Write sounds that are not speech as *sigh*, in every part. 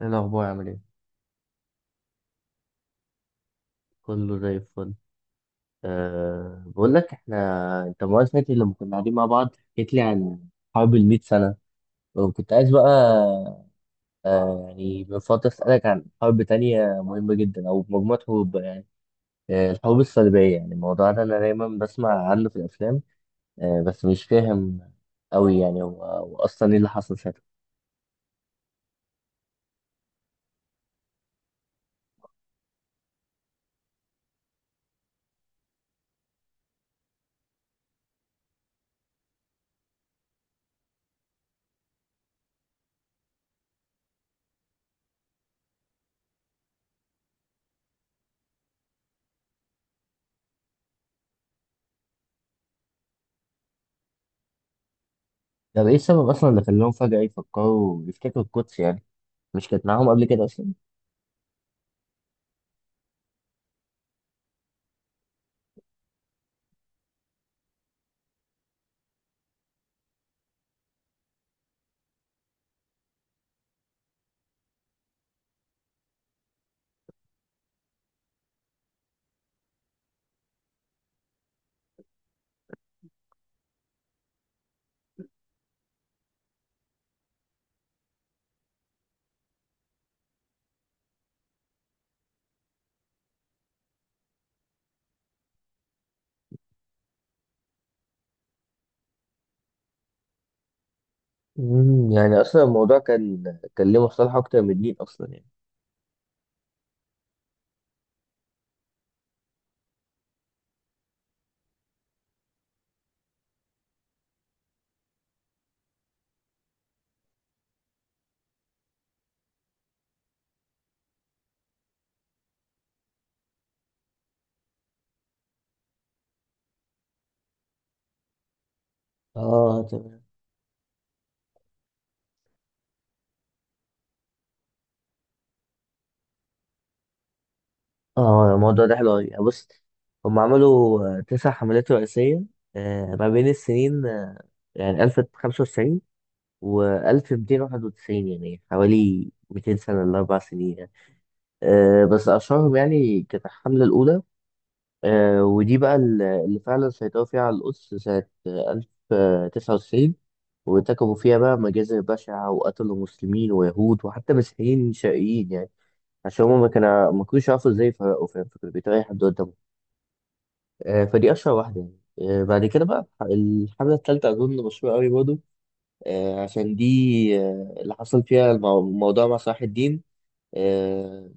ايه الاخبار عامل ايه؟ كله زي الفل. بقول لك احنا. انت المره اللي فاتت لما كنا قاعدين مع بعض حكيت لي عن حرب المئة سنه، وكنت عايز بقى يعني من فتره اسالك عن حرب تانية مهمه جدا او مجموعه حروب بقى يعني. الحروب الصليبيه، يعني الموضوع ده انا دايما بسمع عنه في الافلام، بس مش فاهم قوي يعني، هو اصلا ايه اللي حصل ساعتها؟ طب ايه السبب اصلا اللي خلاهم فجاه يفكروا يفتكروا القدس يعني، مش كانت معاهم قبل كده اصلا؟ يعني اصلا الموضوع كان ليه مصلحه اكتر من الدين اصلا يعني. اه، تمام. اه، الموضوع ده حلو قوي. بص، هم عملوا تسع حملات رئيسيه، ما بين السنين يعني 1095 و 1291، يعني حوالي 200 سنه ل 4 سنين يعني. بس اشهرهم يعني كانت الحمله الاولى، ودي بقى اللي فعلا سيطروا فيها على القدس سنة ألف تسعة وتسعين، وارتكبوا فيها بقى مجازر بشعة وقتلوا مسلمين ويهود وحتى مسيحيين شرقيين يعني. عشان هما ما كانوش يعرفوا ازاي يفرقوا، فاهم؟ فكانوا بيتريقوا أي حد قدامهم. فدي أشهر واحدة يعني. بعد كده بقى الحملة التالتة أظن مشهورة أوي برضه، عشان دي، اللي حصل فيها الموضوع مع صلاح الدين. آه،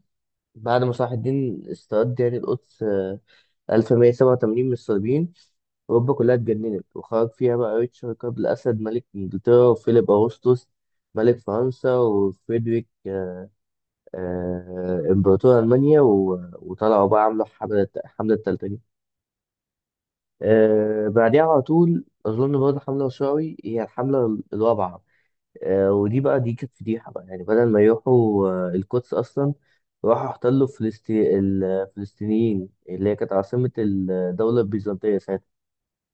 بعد ما صلاح الدين استرد يعني القدس 1187 من الصليبيين، أوروبا كلها اتجننت وخرج فيها بقى ريتشارد قبل الأسد ملك إنجلترا، وفيليب أغسطس ملك فرنسا، وفريدريك إمبراطور ألمانيا، وطلعوا بقى عملوا الحملة التلتانية. بعديها على طول أظن برضه حملة شوي، هي الحملة الرابعة، ودي بقى دي كانت فضيحة بقى، يعني بدل ما يروحوا القدس أصلا، راحوا احتلوا الفلسطينيين اللي هي كانت عاصمة الدولة البيزنطية.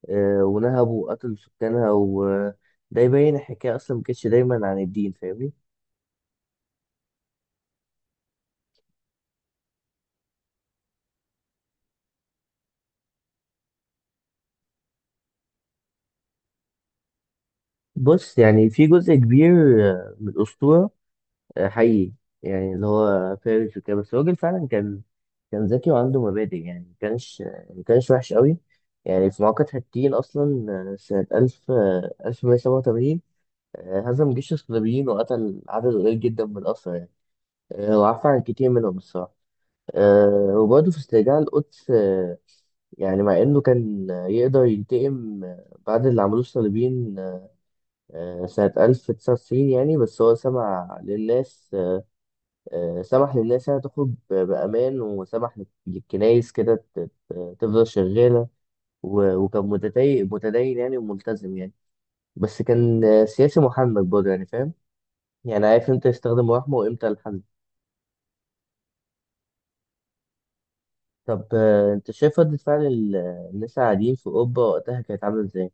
ونهبوا وقتلوا سكانها، وده يبين الحكاية أصلا ما كانتش دايما عن الدين، فاهمني؟ بص، يعني في جزء كبير من الأسطورة حقيقي، يعني اللي هو فارس وكده، بس الراجل فعلا كان ذكي وعنده مبادئ، يعني ما كانش وحش قوي. يعني في معركة حطين أصلا سنة ألف مية سبعة وتمانين، هزم جيش الصليبيين وقتل عدد قليل جدا من الأسرى يعني. وعفى عن كتير منهم الصراحة. وبرضه في استرجاع القدس، يعني مع انه كان يقدر ينتقم بعد اللي عملوه الصليبيين سنة 1990 يعني، بس هو سمع للناس آه، سمح للناس انها تخرج بأمان، وسمح للكنايس كده تفضل شغالة. وكان متدين متدين يعني وملتزم يعني، بس كان سياسي محنك برضه، يعني فاهم يعني، عارف امتى يستخدم رحمه وامتى الحل. طب انت شايف ردة فعل الناس العاديين في أوروبا وقتها كانت عاملة ازاي؟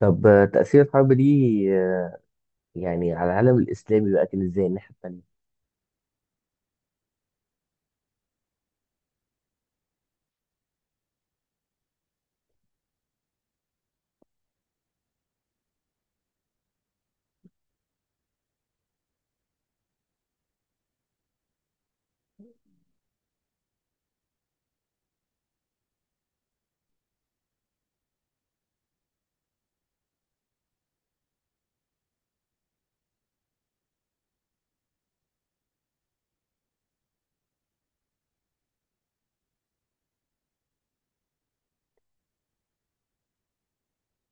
طب تأثير الحرب دي يعني على العالم الإسلامي بقى كان إزاي الناحية التانية؟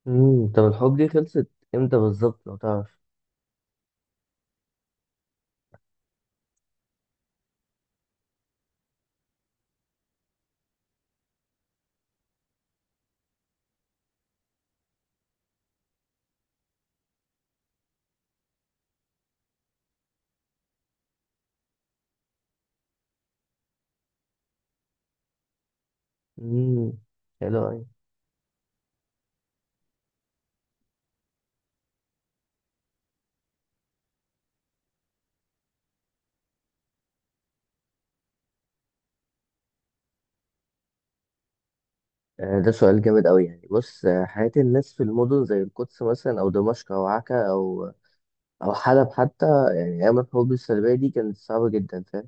طب الحروب دي خلصت امتى بالظبط لو تعرف؟ امم حلو أوي. ده سؤال جامد أوي يعني. بص، حياة الناس في المدن زي القدس مثلا، أو دمشق، أو عكا، أو حلب حتى، يعني أيام الحروب الصليبية دي كانت صعبة جدا، فاهم؟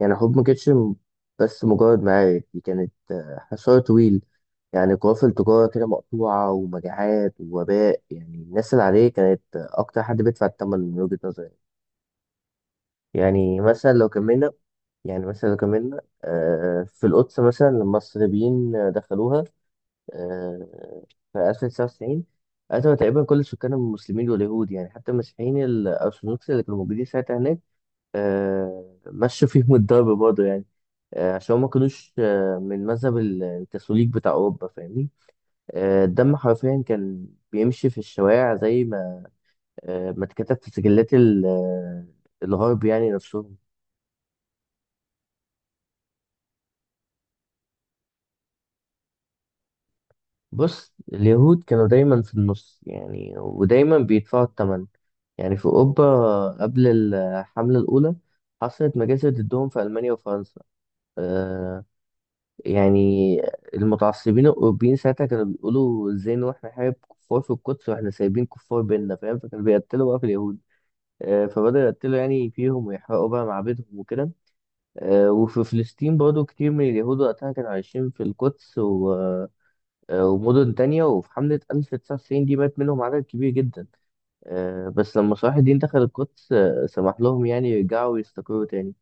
يعني الحروب ما كانتش بس مجرد معارك، دي كانت حصار طويل، يعني قوافل تجارة كده مقطوعة، ومجاعات ووباء. يعني الناس العادية كانت أكتر حد بيدفع الثمن من وجهة نظري. يعني مثلا لو كملنا، في القدس مثلا لما الصليبيين دخلوها آه، في 1099، قتلوا تقريبا كل سكان المسلمين واليهود، يعني حتى المسيحيين الأرثوذكس اللي كانوا موجودين ساعتها هناك مشوا فيهم *laughs* الضرب برضه يعني. عشان هما ما كانوش من مذهب الكاثوليك بتاع أوروبا، فاهمني؟ الدم حرفيا كان بيمشي في الشوارع زي ما ما اتكتب في سجلات الغرب يعني نفسهم. بص، اليهود كانوا دايما في النص، يعني ودايما بيدفعوا الثمن. يعني في أوروبا قبل الحملة الأولى حصلت مجازر ضدهم في ألمانيا وفرنسا. آه يعني المتعصبين الأوروبيين ساعتها كانوا بيقولوا إزاي نروح نحارب كفار في القدس وإحنا سايبين كفار بيننا، فاهم؟ فكانوا بيقتلوا بقى في اليهود. فبدأوا يقتلوا يعني فيهم ويحرقوا بقى معابدهم وكده. وفي فلسطين برضو كتير من اليهود وقتها كانوا عايشين في القدس، و آه، ومدن تانية. وفي حملة 1990 دي مات منهم عدد كبير جدا، بس لما صلاح الدين دخل القدس سمح لهم يعني يرجعوا ويستقروا تاني.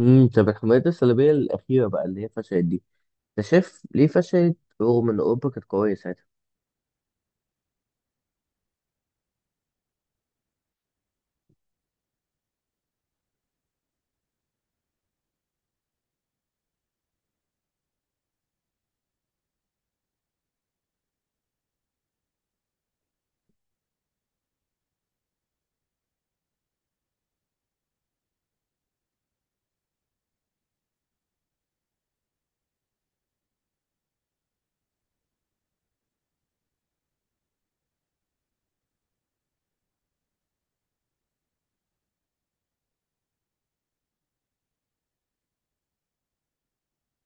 طب الحملات الصليبية الأخيرة بقى اللي هي فشلت دي، أنت شايف ليه فشلت رغم إن أوروبا كانت قوية ساعتها؟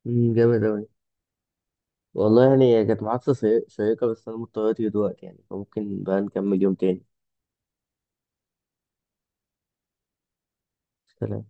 جامد أوي والله. يعني هي كانت محادثة شيقة، بس أنا مضطر أطير دلوقتي يعني، فممكن بقى نكمل يوم تاني. سلام.